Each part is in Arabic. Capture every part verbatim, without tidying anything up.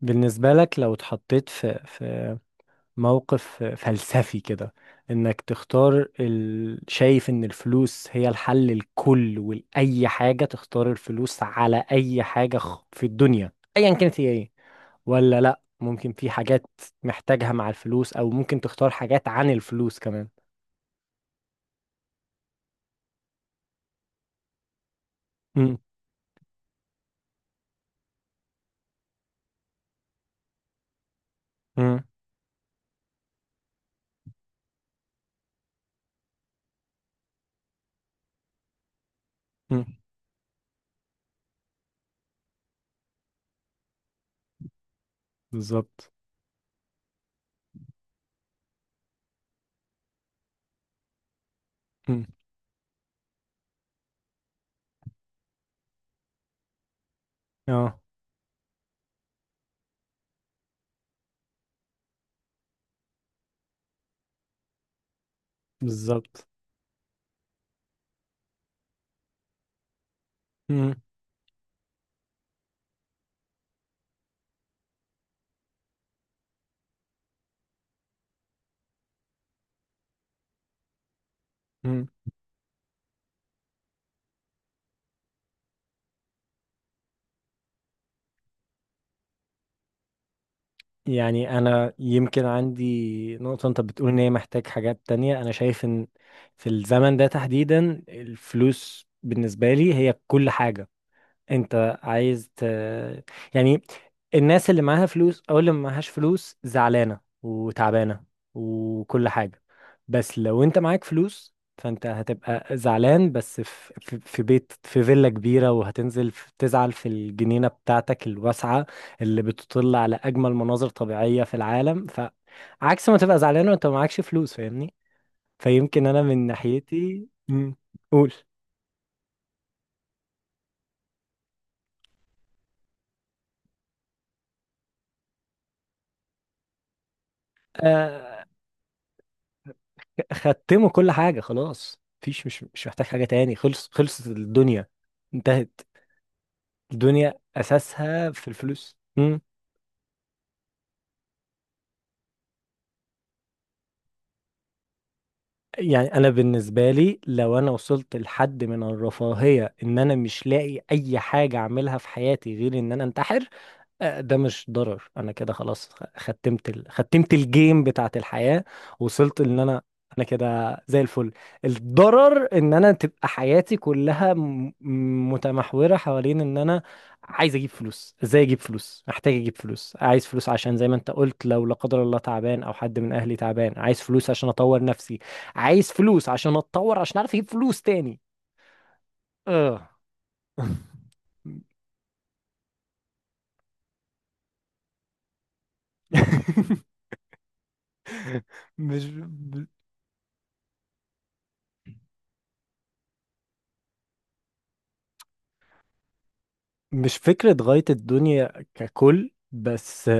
بالنسبة لك لو اتحطيت في في موقف فلسفي كده، انك تختار ال... شايف ان الفلوس هي الحل الكل، ولأي حاجة تختار الفلوس على اي حاجة خ- في الدنيا، ايا كانت هي ايه، ولا لا ممكن في حاجات محتاجها مع الفلوس، او ممكن تختار حاجات عن الفلوس كمان. مم. مم. مم. بالظبط. مم. اه. بالظبط. مم. مم. يعني انا يمكن عندي نقطة، انت بتقول ان هي محتاج حاجات تانية، انا شايف ان في الزمن ده تحديدا الفلوس بالنسبة لي هي كل حاجة. انت عايز ت... يعني الناس اللي معاها فلوس او اللي معهاش فلوس زعلانة وتعبانة وكل حاجة، بس لو انت معاك فلوس فانت هتبقى زعلان بس في, في, في بيت، في فيلا كبيرة، وهتنزل في... تزعل في الجنينة بتاعتك الواسعة اللي بتطل على اجمل مناظر طبيعية في العالم، فعكس ما تبقى زعلان وانت معكش فلوس، فاهمني؟ فيمكن انا من ناحيتي. مم. قول. ختموا كل حاجة، خلاص مفيش، مش مش محتاج حاجة تاني، خلص خلصت الدنيا، انتهت الدنيا، أساسها في الفلوس. مم. يعني أنا بالنسبة لي، لو أنا وصلت لحد من الرفاهية إن أنا مش لاقي أي حاجة أعملها في حياتي غير إن أنا أنتحر، آه، ده مش ضرر. انا كده خلاص خ- ختمت ال... ختمت الجيم بتاعت الحياة، وصلت ان انا انا كده زي الفل. الضرر ان انا تبقى حياتي كلها م... م- متمحورة حوالين ان انا عايز اجيب فلوس، ازاي اجيب فلوس، محتاج اجيب فلوس، عايز فلوس عشان زي ما انت قلت لو لا قدر الله تعبان او حد من اهلي تعبان، عايز فلوس عشان اطور نفسي، عايز فلوس عشان اتطور عشان اعرف اجيب فلوس تاني. اه. مش مش فكرة غاية الدنيا ككل بس.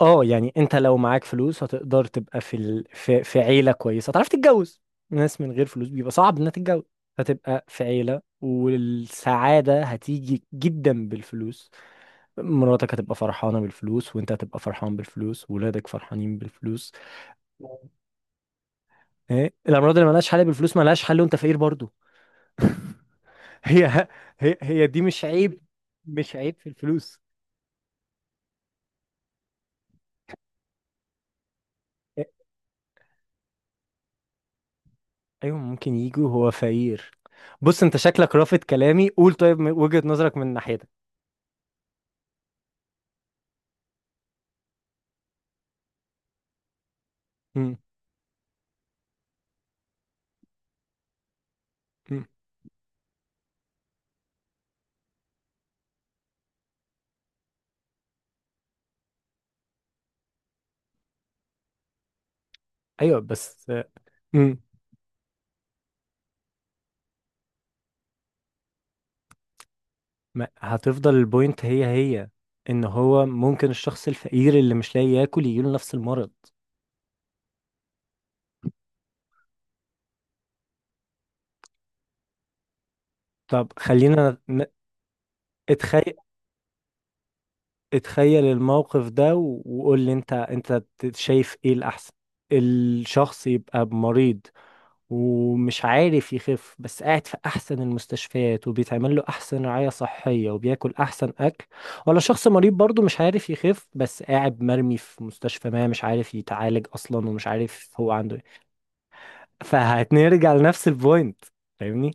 اه يعني انت لو معاك فلوس هتقدر تبقى في ال... في... في عيلة كويسة، هتعرف تتجوز. ناس من غير فلوس بيبقى صعب انها تتجوز. هتبقى في عيلة، والسعادة هتيجي جدا بالفلوس، مراتك هتبقى فرحانة بالفلوس، وانت هتبقى فرحان بالفلوس، وولادك فرحانين بالفلوس. ايه الأمراض اللي ملهاش حل بالفلوس؟ ملهاش حل وانت فقير برضو. هي. هي هي دي مش عيب، مش عيب في الفلوس. ايوه ممكن يجي وهو فقير. بص انت شكلك رافض كلامي، قول، طيب من وجهة نظرك، من ناحيتك. مم. مم. ايوه بس. مم. ما هتفضل البوينت هي هي ان هو ممكن الشخص الفقير اللي مش لاقي ياكل يجيله نفس المرض. طب خلينا ن- اتخيل، اتخيل الموقف ده و- وقول لي انت انت ت- شايف ايه الاحسن؟ الشخص يبقى مريض ومش عارف يخف بس قاعد في احسن المستشفيات، وبيتعمل له احسن رعاية صحية، وبياكل احسن اكل، ولا شخص مريض برضه مش عارف يخف بس قاعد مرمي في مستشفى ما، مش عارف يتعالج اصلا، ومش عارف هو عنده ايه؟ فهنرجع لنفس البوينت، فاهمني؟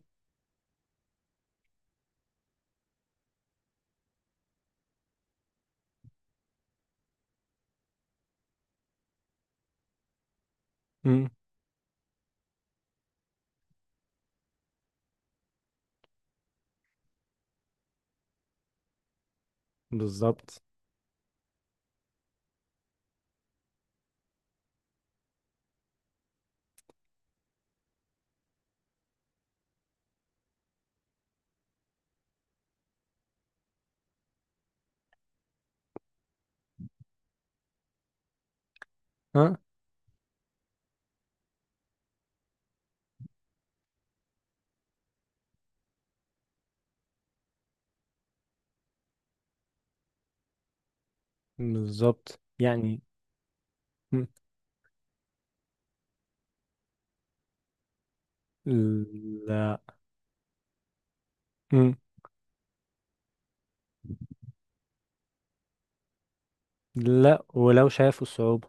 امم بالظبط. ها. بالظبط يعني. مم. لا. مم. لا، ولو شافوا الصعوبة.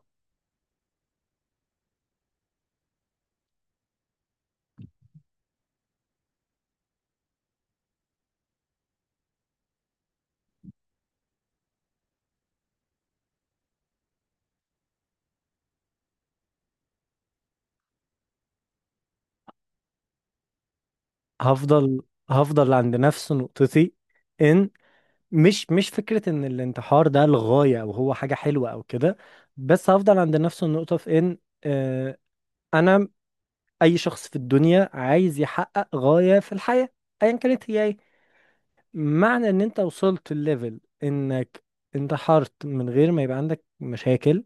هفضل هفضل عند نفس نقطتي، ان مش مش فكرة ان الانتحار ده الغاية او هو حاجة حلوة او كده، بس هفضل عند نفس النقطة في ان، آه، انا، اي شخص في الدنيا عايز يحقق غاية في الحياة، ايا كانت هي ايه، معنى ان انت وصلت الليفل انك انتحرت من غير ما يبقى عندك مشاكل،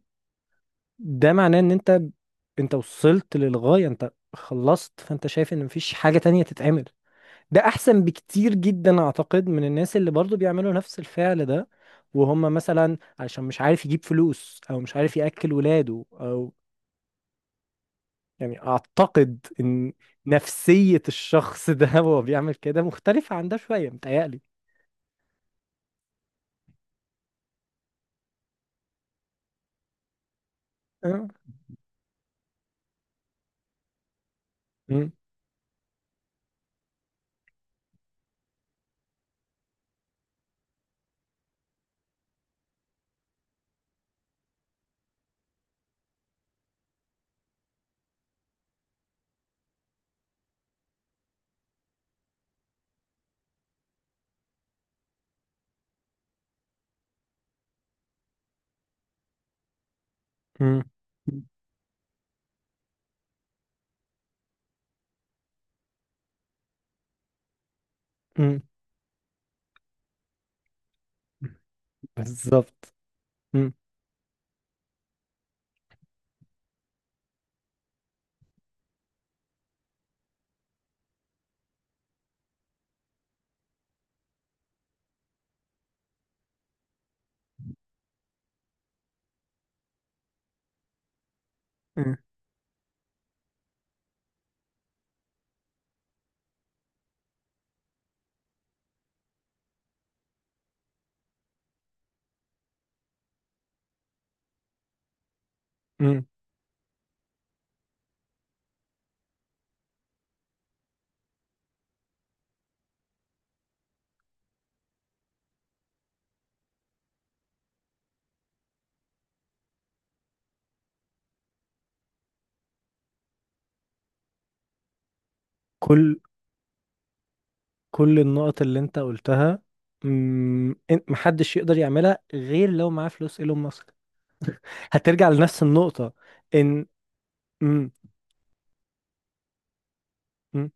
ده معناه ان انت، انت وصلت للغاية، انت خلصت، فانت شايف ان مفيش حاجة تانية تتعمل، ده احسن بكتير جدا اعتقد من الناس اللي برضو بيعملوا نفس الفعل ده، وهم مثلا عشان مش عارف يجيب فلوس، او مش عارف ياكل ولاده، او يعني اعتقد ان نفسية الشخص ده وهو بيعمل كده مختلفة عن ده شوية، متهيألي. أه. أمم، أمم، أمم. بالظبط. أمم، أمم، أمم. كل كل النقط اللي انت قلتها، أمم، إن- محدش يقدر يعملها غير لو معاه فلوس ايلون ماسك، هترجع لنفس النقطة ان امم امم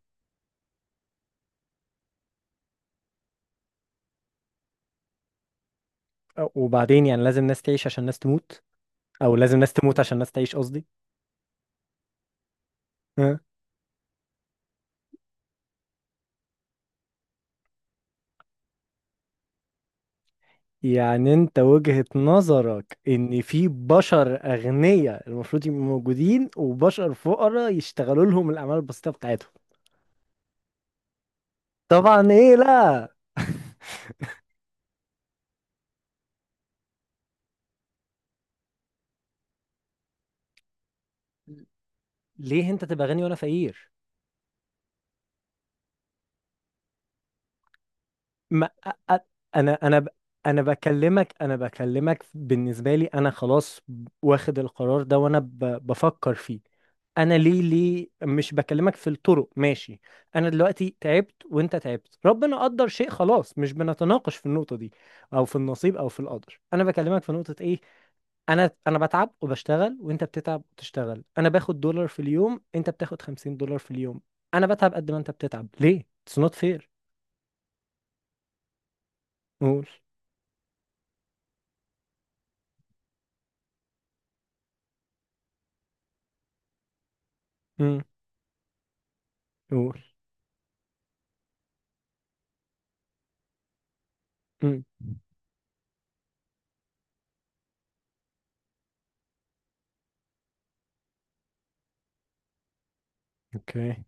وبعدين يعني لازم ناس تعيش عشان ناس تموت، او لازم ناس تموت عشان ناس تعيش، قصدي. ها. يعني انت وجهة نظرك ان في بشر اغنياء المفروض يبقوا موجودين، وبشر فقراء يشتغلوا لهم الاعمال البسيطة بتاعتهم؟ طبعا، ايه، لا، ليه انت تبقى غني وانا فقير؟ ما أ- أ- انا انا ب- انا بكلمك انا بكلمك بالنسبه لي، انا خلاص واخد القرار ده، وانا ب- بفكر فيه. انا ليه ليه مش بكلمك في الطرق، ماشي؟ انا دلوقتي تعبت، وانت تعبت، ربنا قدر شيء، خلاص مش بنتناقش في النقطه دي، او في النصيب، او في القدر، انا بكلمك في نقطه ايه؟ انا انا بتعب وبشتغل، وانت بتتعب وتشتغل، انا باخد دولار في اليوم، انت بتاخد خمسين دولار في اليوم، انا بتعب قد ما انت بتتعب، ليه؟ It's not fair. قول. قول. مم. اوكي.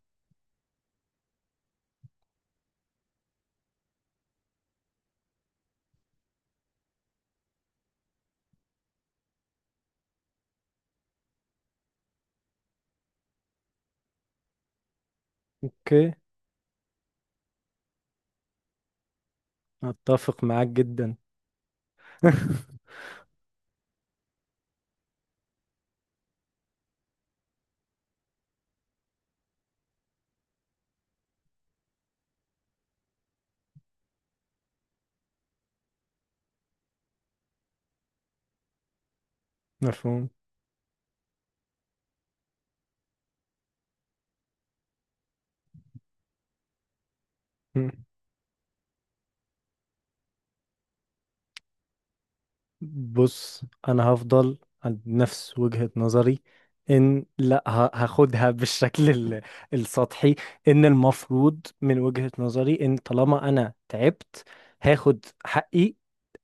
اوكي. اتفق معاك جدا. مفهوم. مم. بص انا هفضل عند نفس وجهة نظري ان، لا ه- هاخدها بالشكل ال- السطحي، ان المفروض من وجهة نظري، ان طالما انا تعبت هاخد حقي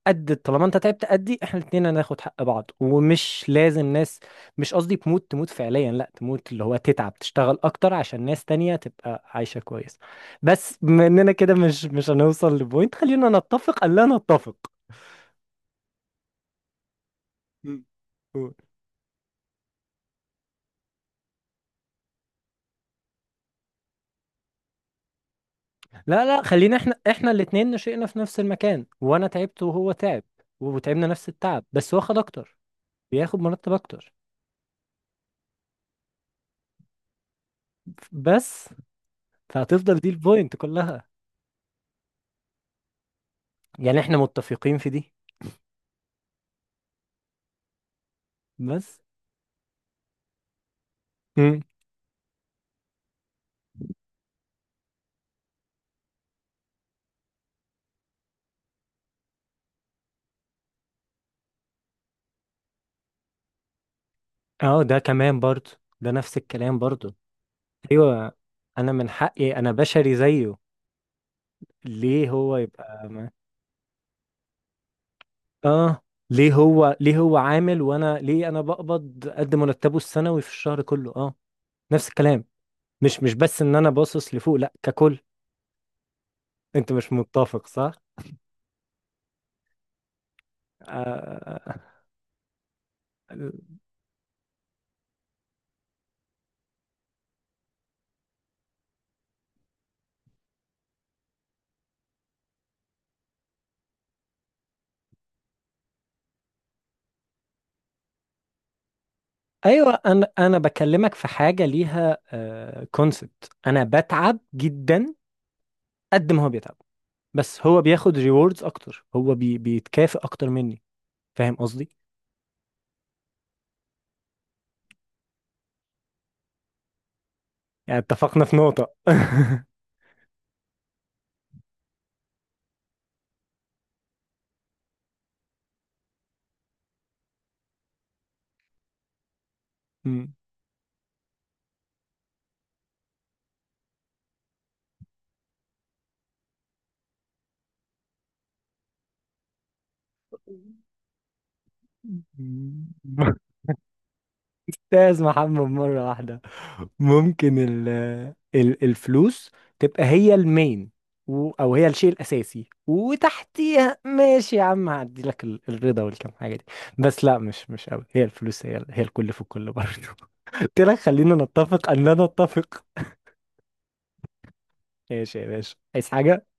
قد طالما انت تعبت قدي، احنا الاتنين هناخد حق بعض، ومش لازم ناس، مش قصدي تموت تموت فعليا، لا تموت اللي هو تتعب، تشتغل اكتر عشان ناس تانية تبقى عايشة كويس، بس بما اننا كده مش مش هنوصل لبوينت، خلينا نتفق ان لا نتفق. مم. قول. لا، لا، خلينا احنا احنا الاتنين، نشئنا في نفس المكان، وانا تعبت وهو تعب، وتعبنا نفس التعب، بس هو خد اكتر، بياخد مرتب اكتر. بس فهتفضل دي البوينت كلها، يعني احنا متفقين في دي بس. اه، ده كمان برضو، ده نفس الكلام برضو. ايوه انا من حقي، انا بشري زيه، ليه هو يبقى ما... اه، ليه هو ليه هو عامل، وانا ليه انا بقبض قد مرتبه السنوي في الشهر كله؟ اه. نفس الكلام، مش مش بس ان انا باصص لفوق، لا ككل. انت مش متفق، صح؟ آه... ايوه، انا انا بكلمك في حاجه ليها كونسبت، انا بتعب جدا قد ما هو بيتعب، بس هو بياخد ريوردز اكتر، هو بي بيتكافئ اكتر مني، فاهم قصدي؟ يعني اتفقنا في نقطة. مم. استاذ محمد مرة واحدة. ممكن ال ال الفلوس تبقى هي المين و- او هي الشيء الاساسي، وتحتيها ماشي يا عم هعدي لك ال- الرضا والكم حاجة دي، بس لا، مش مش قوي هي الفلوس، هي ال- هي الكل في الكل برضه. قلت لك خلينا نتفق ان لا نتفق. ماشي يا باشا، عايز حاجة؟